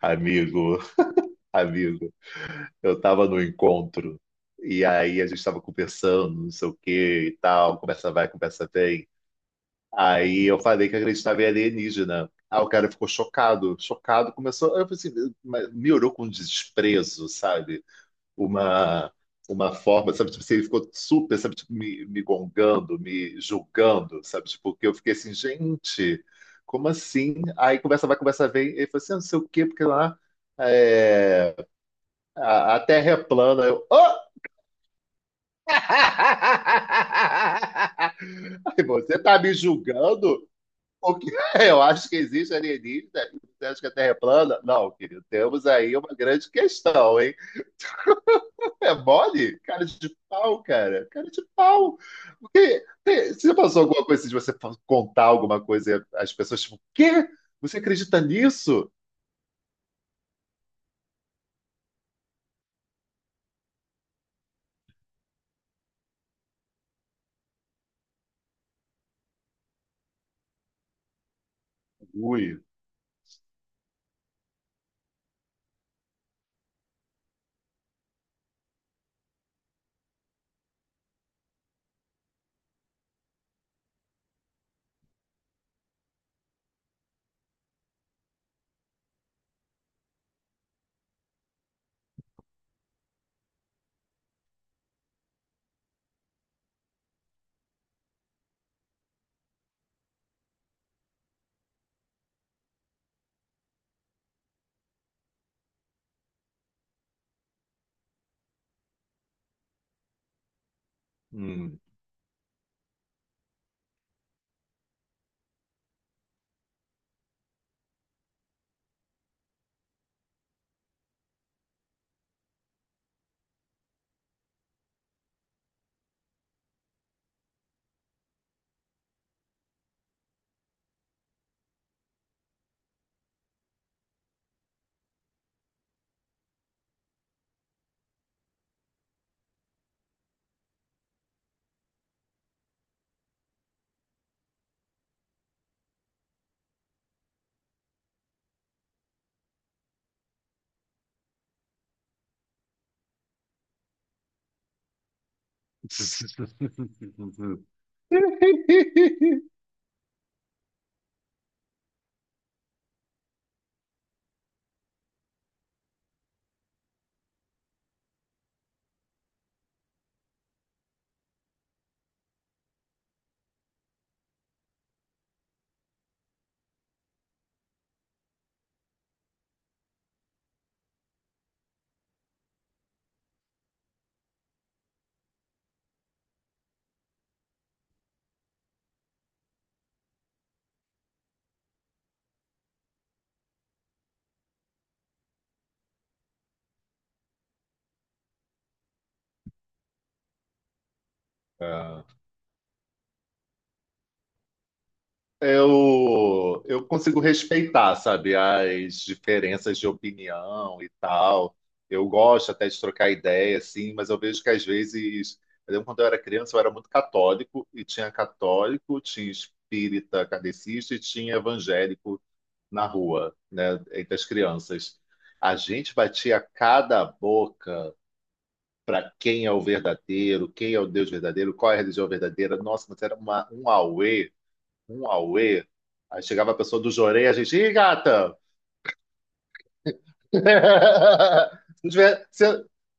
Amigo, amigo, eu tava no encontro e aí a gente tava conversando, não sei o que e tal, conversa vai, conversa vem. Aí eu falei que acreditava em alienígena. Aí o cara ficou chocado, chocado, começou, eu falei assim, mas me olhou com desprezo, sabe? Uma uma forma, sabe, tipo, assim, ele ficou super, sabe, tipo, me gongando, me julgando, sabe, tipo, que eu fiquei assim, gente, como assim? Aí conversa vai, conversa vem, ele falou assim, ah, não sei o quê, porque lá é, a Terra é plana. Eu, "Hã? Aí você tá me julgando? Porque eu acho que existe alienígena. Você acha que a Terra é plana? Não, querido. Temos aí uma grande questão, hein? É mole? Cara de pau, cara. Cara de pau. Porque, você passou alguma coisa assim de você contar alguma coisa e as pessoas, tipo, quê? Você acredita nisso? Ui. Hum. Ah. Eu consigo respeitar, sabe, as diferenças de opinião e tal. Eu gosto até de trocar ideia, assim, mas eu vejo que às vezes, eu lembro quando eu era criança, eu era muito católico, e tinha católico, tinha espírita kardecista e tinha evangélico na rua, né, entre as crianças. A gente batia cada boca para quem é o verdadeiro, quem é o Deus verdadeiro, qual é a religião verdadeira. Nossa, mas era uma, um auê. Um auê. Aí chegava a pessoa do Jorei, a gente, ih, gata!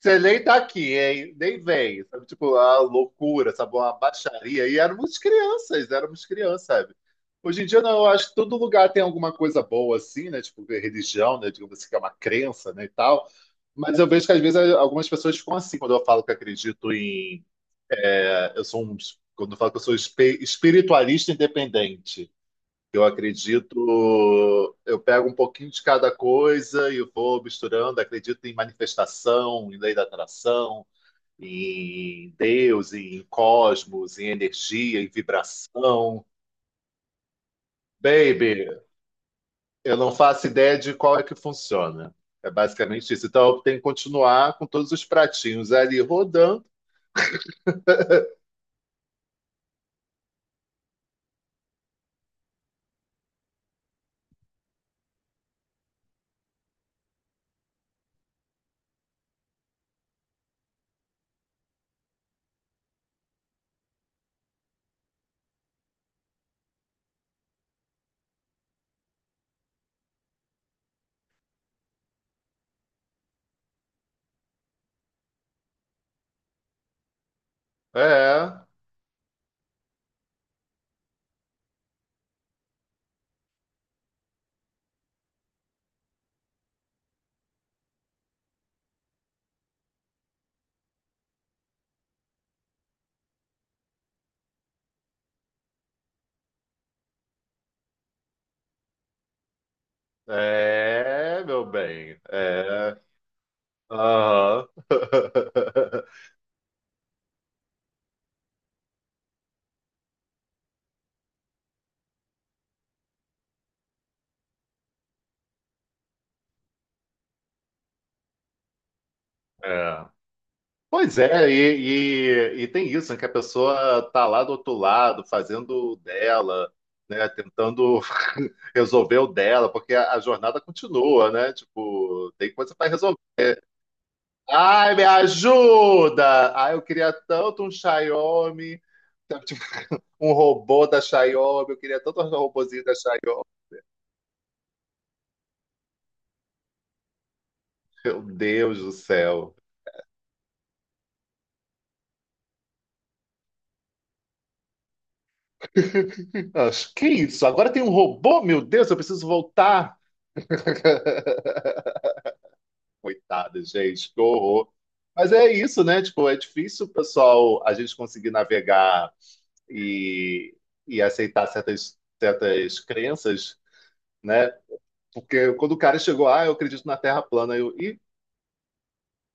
Você nem tá aqui, hein? Nem vem. Sabe? Tipo, a loucura, sabe? Uma baixaria. E éramos crianças, sabe? Hoje em dia, não, eu acho que todo lugar tem alguma coisa boa, assim, né? Tipo, religião, né? Digamos assim, que é uma crença, né? E tal. Mas eu vejo que às vezes algumas pessoas ficam assim quando eu falo que acredito em. Eu sou um. Quando eu falo que eu sou espiritualista independente. Eu acredito, eu pego um pouquinho de cada coisa e vou misturando. Acredito em manifestação, em lei da atração, em Deus, em cosmos, em energia, em vibração. Baby, eu não faço ideia de qual é que funciona. É basicamente isso. Então eu tenho que continuar com todos os pratinhos ali rodando. É, é, meu bem. É. Aham. É. Pois é, e tem isso, né, que a pessoa tá lá do outro lado, fazendo o dela, né, tentando resolver o dela, porque a jornada continua, né? Tipo, tem coisa para resolver. Ai, me ajuda! Ai, eu queria tanto um Xiaomi, sabe, tipo, um robô da Xiaomi, eu queria tanto um robôzinho da Xiaomi. Meu Deus do céu. Que é isso? Agora tem um robô? Meu Deus, eu preciso voltar. Coitada, gente, que horror. Mas é isso, né? Tipo, é difícil, pessoal, a gente conseguir navegar e, e aceitar certas, certas crenças, né? Porque quando o cara chegou, ah, eu acredito na Terra plana, eu, e,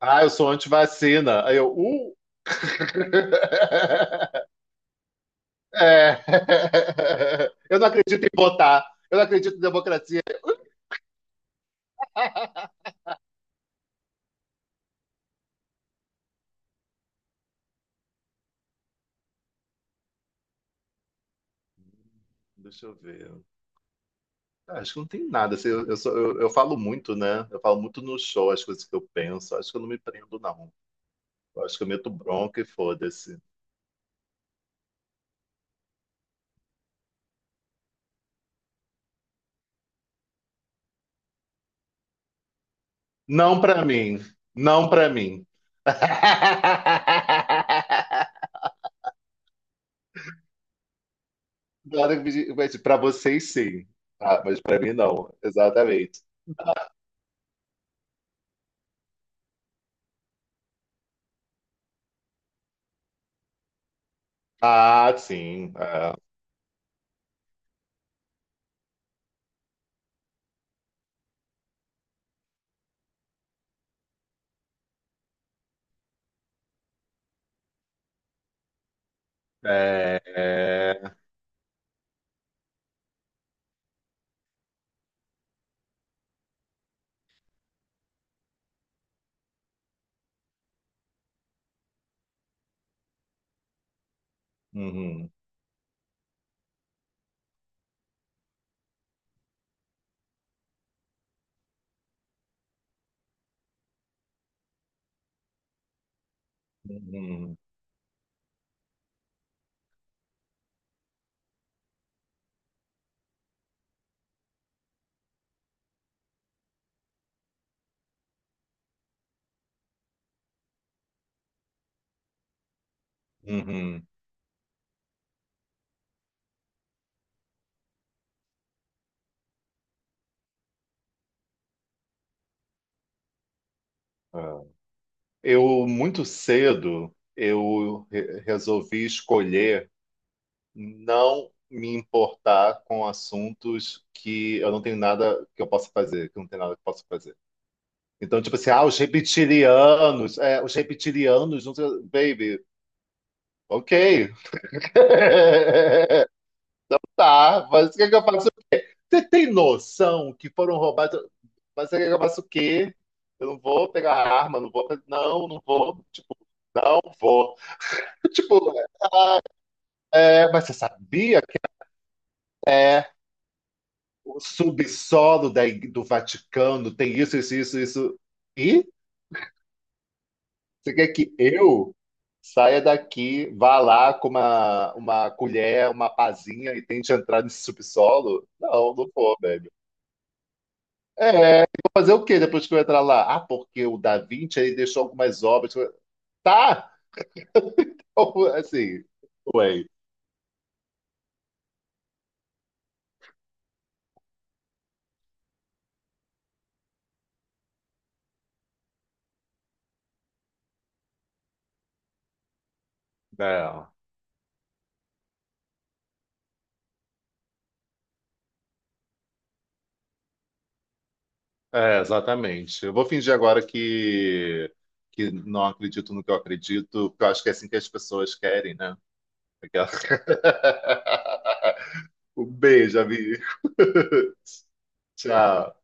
ah, eu sou antivacina. Aí eu! É. Eu não acredito em votar, eu não acredito em democracia. Deixa eu ver. Ah, acho que não tem nada. Assim, eu falo muito, né? Eu falo muito no show as coisas que eu penso. Acho que eu não me prendo, não. Eu acho que eu meto bronca e foda-se. Não pra mim. Não pra mim. Claro que me di- mas pra vocês, sim. Ah, mas pra mim, não. Exatamente. Ah, sim. É. É, é. Uhum, uhum, uhum. É. Eu, muito cedo, eu resolvi escolher. Não me importar com assuntos que eu não tenho nada que eu possa fazer, que eu não tenho nada que eu possa fazer. Então, tipo assim, ah, os reptilianos, é, os reptilianos, não sei, baby, ok. Tá, mas o que é que eu faço? Você tem noção que foram roubados? Mas o que é que eu faço o quê? Eu não vou pegar a arma, não vou, não, não vou, tipo, não vou. Tipo, ah, é, mas você sabia? É, o subsolo da do Vaticano tem isso, isso, isso, isso. E você quer que eu saia daqui, vá lá com uma colher, uma pazinha e tente entrar nesse subsolo? Não, não vou, velho. É, vou fazer o quê depois que eu entrar lá? Ah, porque o Da Vinci ele deixou algumas obras. Tá! Assim, ué. Não. É, exatamente. Eu vou fingir agora que não acredito no que eu acredito, porque eu acho que é assim que as pessoas querem, né? Um beijo, amigo. Tchau.